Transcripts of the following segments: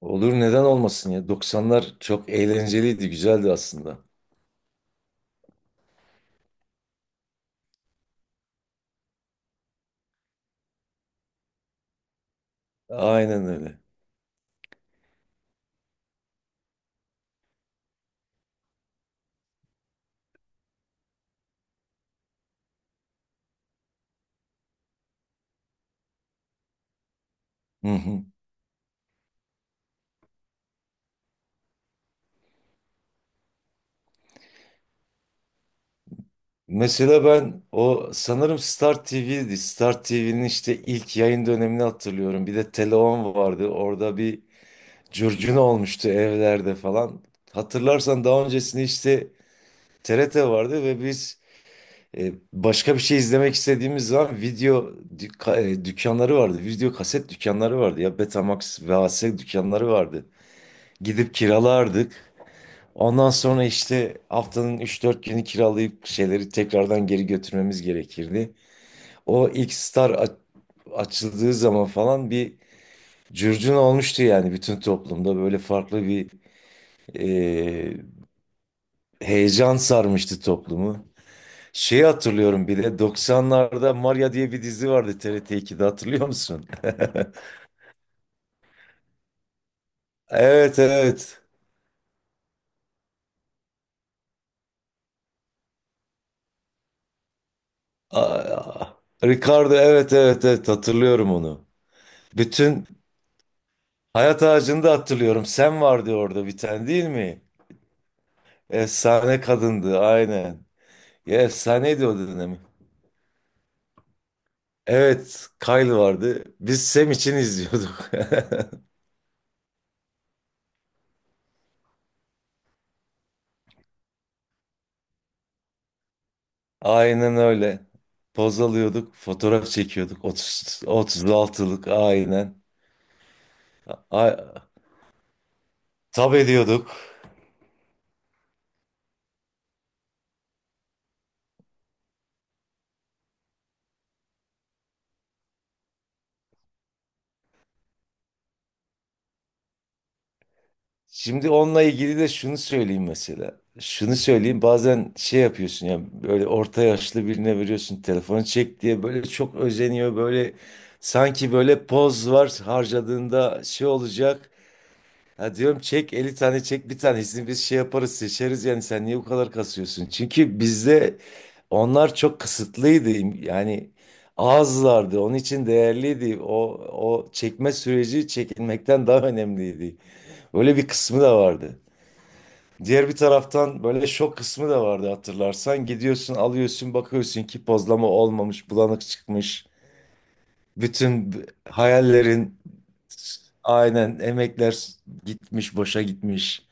Olur, neden olmasın ya. 90'lar çok eğlenceliydi, güzeldi aslında. Aynen öyle. Hı hı. Mesela ben o sanırım Star TV'ydi. Star TV'nin işte ilk yayın dönemini hatırlıyorum. Bir de Teleon vardı. Orada bir curcuna olmuştu evlerde falan. Hatırlarsan daha öncesinde işte TRT vardı ve biz başka bir şey izlemek istediğimiz zaman video dükkanları vardı. Video kaset dükkanları vardı ya, Betamax, VHS dükkanları vardı. Gidip kiralardık. Ondan sonra işte haftanın üç dört günü kiralayıp şeyleri tekrardan geri götürmemiz gerekirdi. O ilk Star açıldığı zaman falan bir curcuna olmuştu yani bütün toplumda. Böyle farklı bir e, heyecan sarmıştı toplumu. Şeyi hatırlıyorum, bir de 90'larda Maria diye bir dizi vardı TRT ikide, hatırlıyor musun? Evet, evet. Aa, Ricardo, evet evet evet, hatırlıyorum onu. Bütün Hayat ağacını da hatırlıyorum. Sen vardı orada bir tane değil mi? Efsane kadındı aynen. Ya efsaneydi o dönemi. Evet, Kyle vardı. Biz Sam için izliyorduk. Aynen öyle. Poz alıyorduk, fotoğraf çekiyorduk. 36'lık aynen. Ay, tab ediyorduk. Şimdi onunla ilgili de şunu söyleyeyim mesela. Şunu söyleyeyim, bazen şey yapıyorsun ya, böyle orta yaşlı birine veriyorsun telefonu çek diye, böyle çok özeniyor, böyle sanki böyle poz var, harcadığında şey olacak. Ya diyorum çek, 50 tane çek, bir tanesini biz şey yaparız, seçeriz. Yani sen niye bu kadar kasıyorsun? Çünkü bizde onlar çok kısıtlıydı yani, azlardı, onun için değerliydi o, o çekme süreci çekilmekten daha önemliydi. Öyle bir kısmı da vardı. Diğer bir taraftan böyle şok kısmı da vardı hatırlarsan. Gidiyorsun, alıyorsun, bakıyorsun ki pozlama olmamış, bulanık çıkmış. Bütün hayallerin aynen, emekler gitmiş, boşa gitmiş.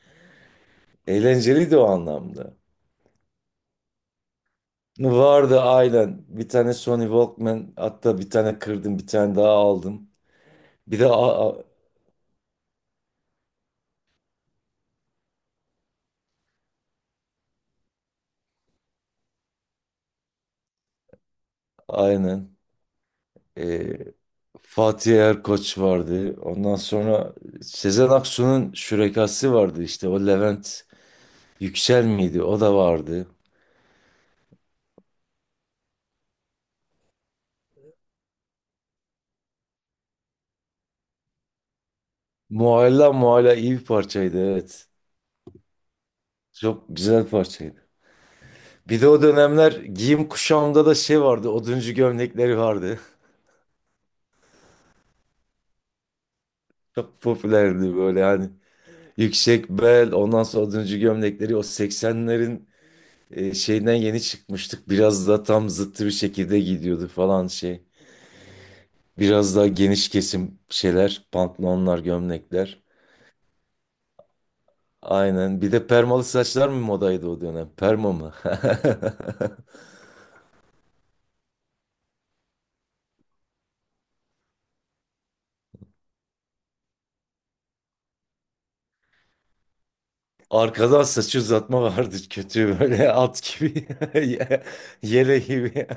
Eğlenceliydi o anlamda. Vardı aynen. Bir tane Sony Walkman, hatta bir tane kırdım, bir tane daha aldım. Bir de aynen. Ee, Fatih Erkoç vardı. Ondan sonra Sezen Aksu'nun şürekası vardı işte, o Levent. Yüksel miydi? O da vardı. Mualla iyi bir parçaydı, evet. Çok güzel parçaydı. Bir de o dönemler giyim kuşamda da şey vardı. Oduncu gömlekleri vardı. Çok popülerdi böyle hani. Yüksek bel, ondan sonra oduncu gömlekleri, o 80'lerin şeyden yeni çıkmıştık. Biraz da tam zıttı bir şekilde gidiyordu falan şey. Biraz daha geniş kesim şeyler, pantolonlar, gömlekler. Aynen. Bir de permalı saçlar mı modaydı o dönem? Perma mı? Arkadan saçı uzatma vardı, kötü böyle at gibi ye- yele gibi.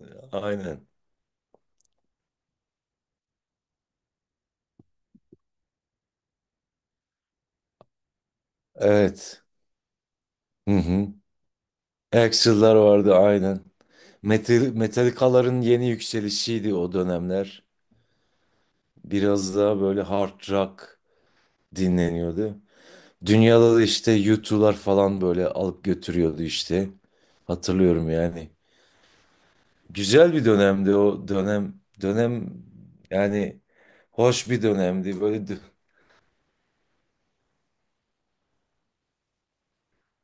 Aynen. Evet. Hı hı. Axl'lar vardı aynen. Metal, Metallica'ların yeni yükselişiydi o dönemler. Biraz daha böyle hard rock dinleniyordu. Dünyada da işte U2'lar falan böyle alıp götürüyordu işte. Hatırlıyorum yani. Güzel bir dönemdi o dönem. Dönem Yani hoş bir dönemdi. Böyle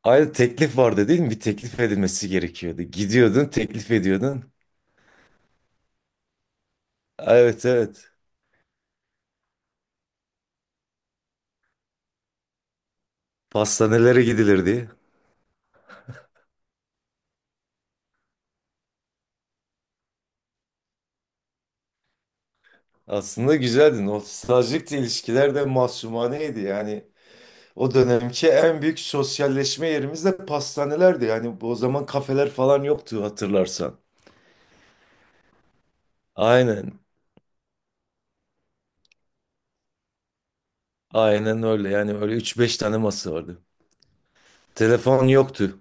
ayrıca teklif vardı değil mi? Bir teklif edilmesi gerekiyordu. Gidiyordun, teklif ediyordun. Evet, evet. Pastanelere gidilirdi. Aslında güzeldi. Nostaljik de, ilişkiler de mahsumaneydi. Yani o dönemki en büyük sosyalleşme yerimiz de pastanelerdi. Yani o zaman kafeler falan yoktu hatırlarsan. Aynen. Aynen öyle. Yani öyle üç beş tane masa vardı. Telefon yoktu.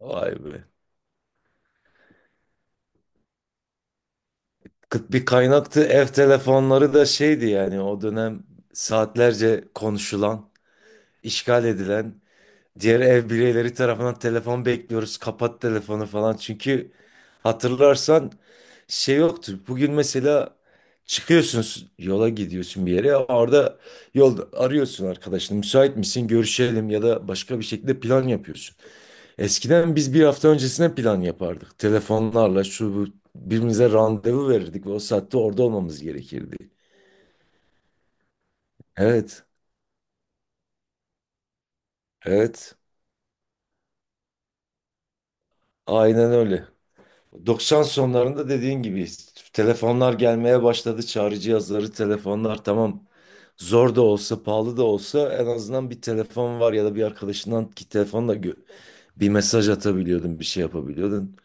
Vay be. Kıt bir kaynaktı. Ev telefonları da şeydi yani o dönem, saatlerce konuşulan, işgal edilen, diğer ev bireyleri tarafından telefon bekliyoruz, kapat telefonu falan. Çünkü hatırlarsan şey yoktu. Bugün mesela çıkıyorsun yola, gidiyorsun bir yere. Orada yolda arıyorsun arkadaşını. Müsait misin, görüşelim, ya da başka bir şekilde plan yapıyorsun. Eskiden biz bir hafta öncesine plan yapardık. Telefonlarla şu bu, birbirimize randevu verirdik ve o saatte orada olmamız gerekirdi. Evet, evet. Aynen öyle. 90 sonlarında dediğin gibi telefonlar gelmeye başladı. Çağrı cihazları, telefonlar, tamam. Zor da olsa, pahalı da olsa, en azından bir telefon var ya da bir arkadaşından, ki telefonla bir mesaj atabiliyordun, bir şey yapabiliyordun.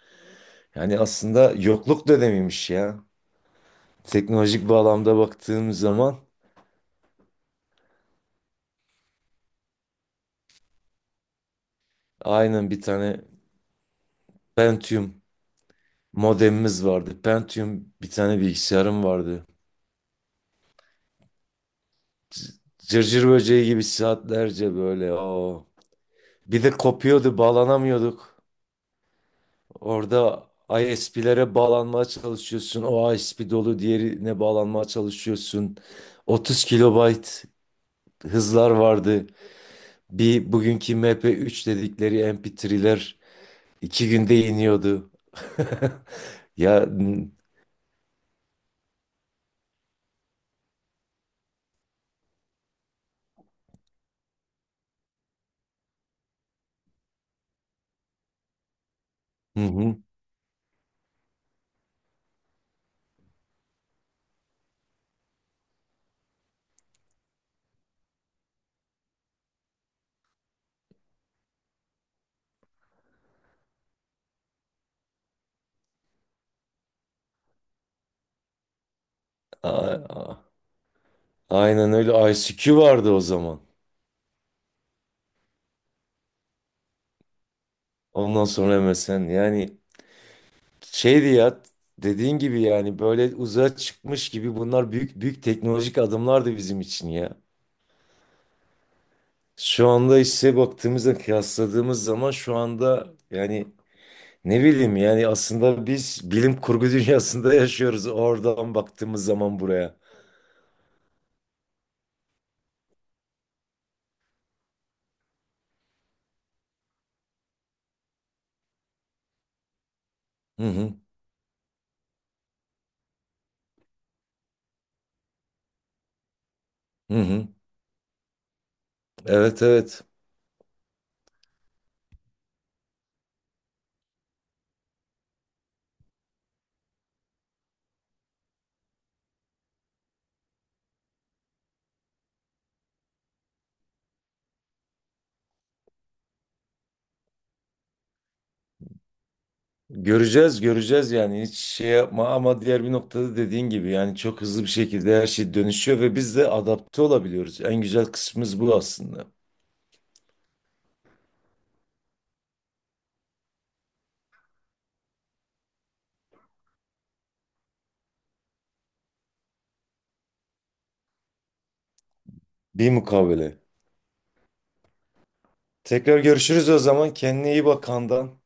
Yani aslında yokluk dönemiymiş ya. Teknolojik bağlamda baktığım zaman aynen, bir tane Pentium modemimiz vardı. Pentium bir tane bilgisayarım vardı. C- Cırcır böceği gibi saatlerce böyle o. Bir de kopuyordu, bağlanamıyorduk. Orada ISP'lere bağlanmaya çalışıyorsun. O ISP dolu, diğerine bağlanmaya çalışıyorsun. 30 kilobayt hızlar vardı. Bir bugünkü MP3 dedikleri MP3'ler iki günde iniyordu. Ya n- hı hı. A- a- Aynen öyle, ICQ vardı o zaman. Ondan sonra MSN, yani şeydi ya, dediğin gibi yani böyle uzağa çıkmış gibi, bunlar büyük büyük teknolojik adımlardı bizim için ya. Şu anda işte baktığımızda, kıyasladığımız zaman şu anda yani, ne bileyim yani, aslında biz bilim kurgu dünyasında yaşıyoruz, oradan baktığımız zaman buraya. Hı hı. Hı hı. Evet, evet. Göreceğiz, göreceğiz. Yani hiç şey yapma, ama diğer bir noktada dediğin gibi yani çok hızlı bir şekilde her şey dönüşüyor ve biz de adapte olabiliyoruz. En güzel kısmımız bu aslında. Bir mukabele. Tekrar görüşürüz o zaman. Kendine iyi bak, Handan.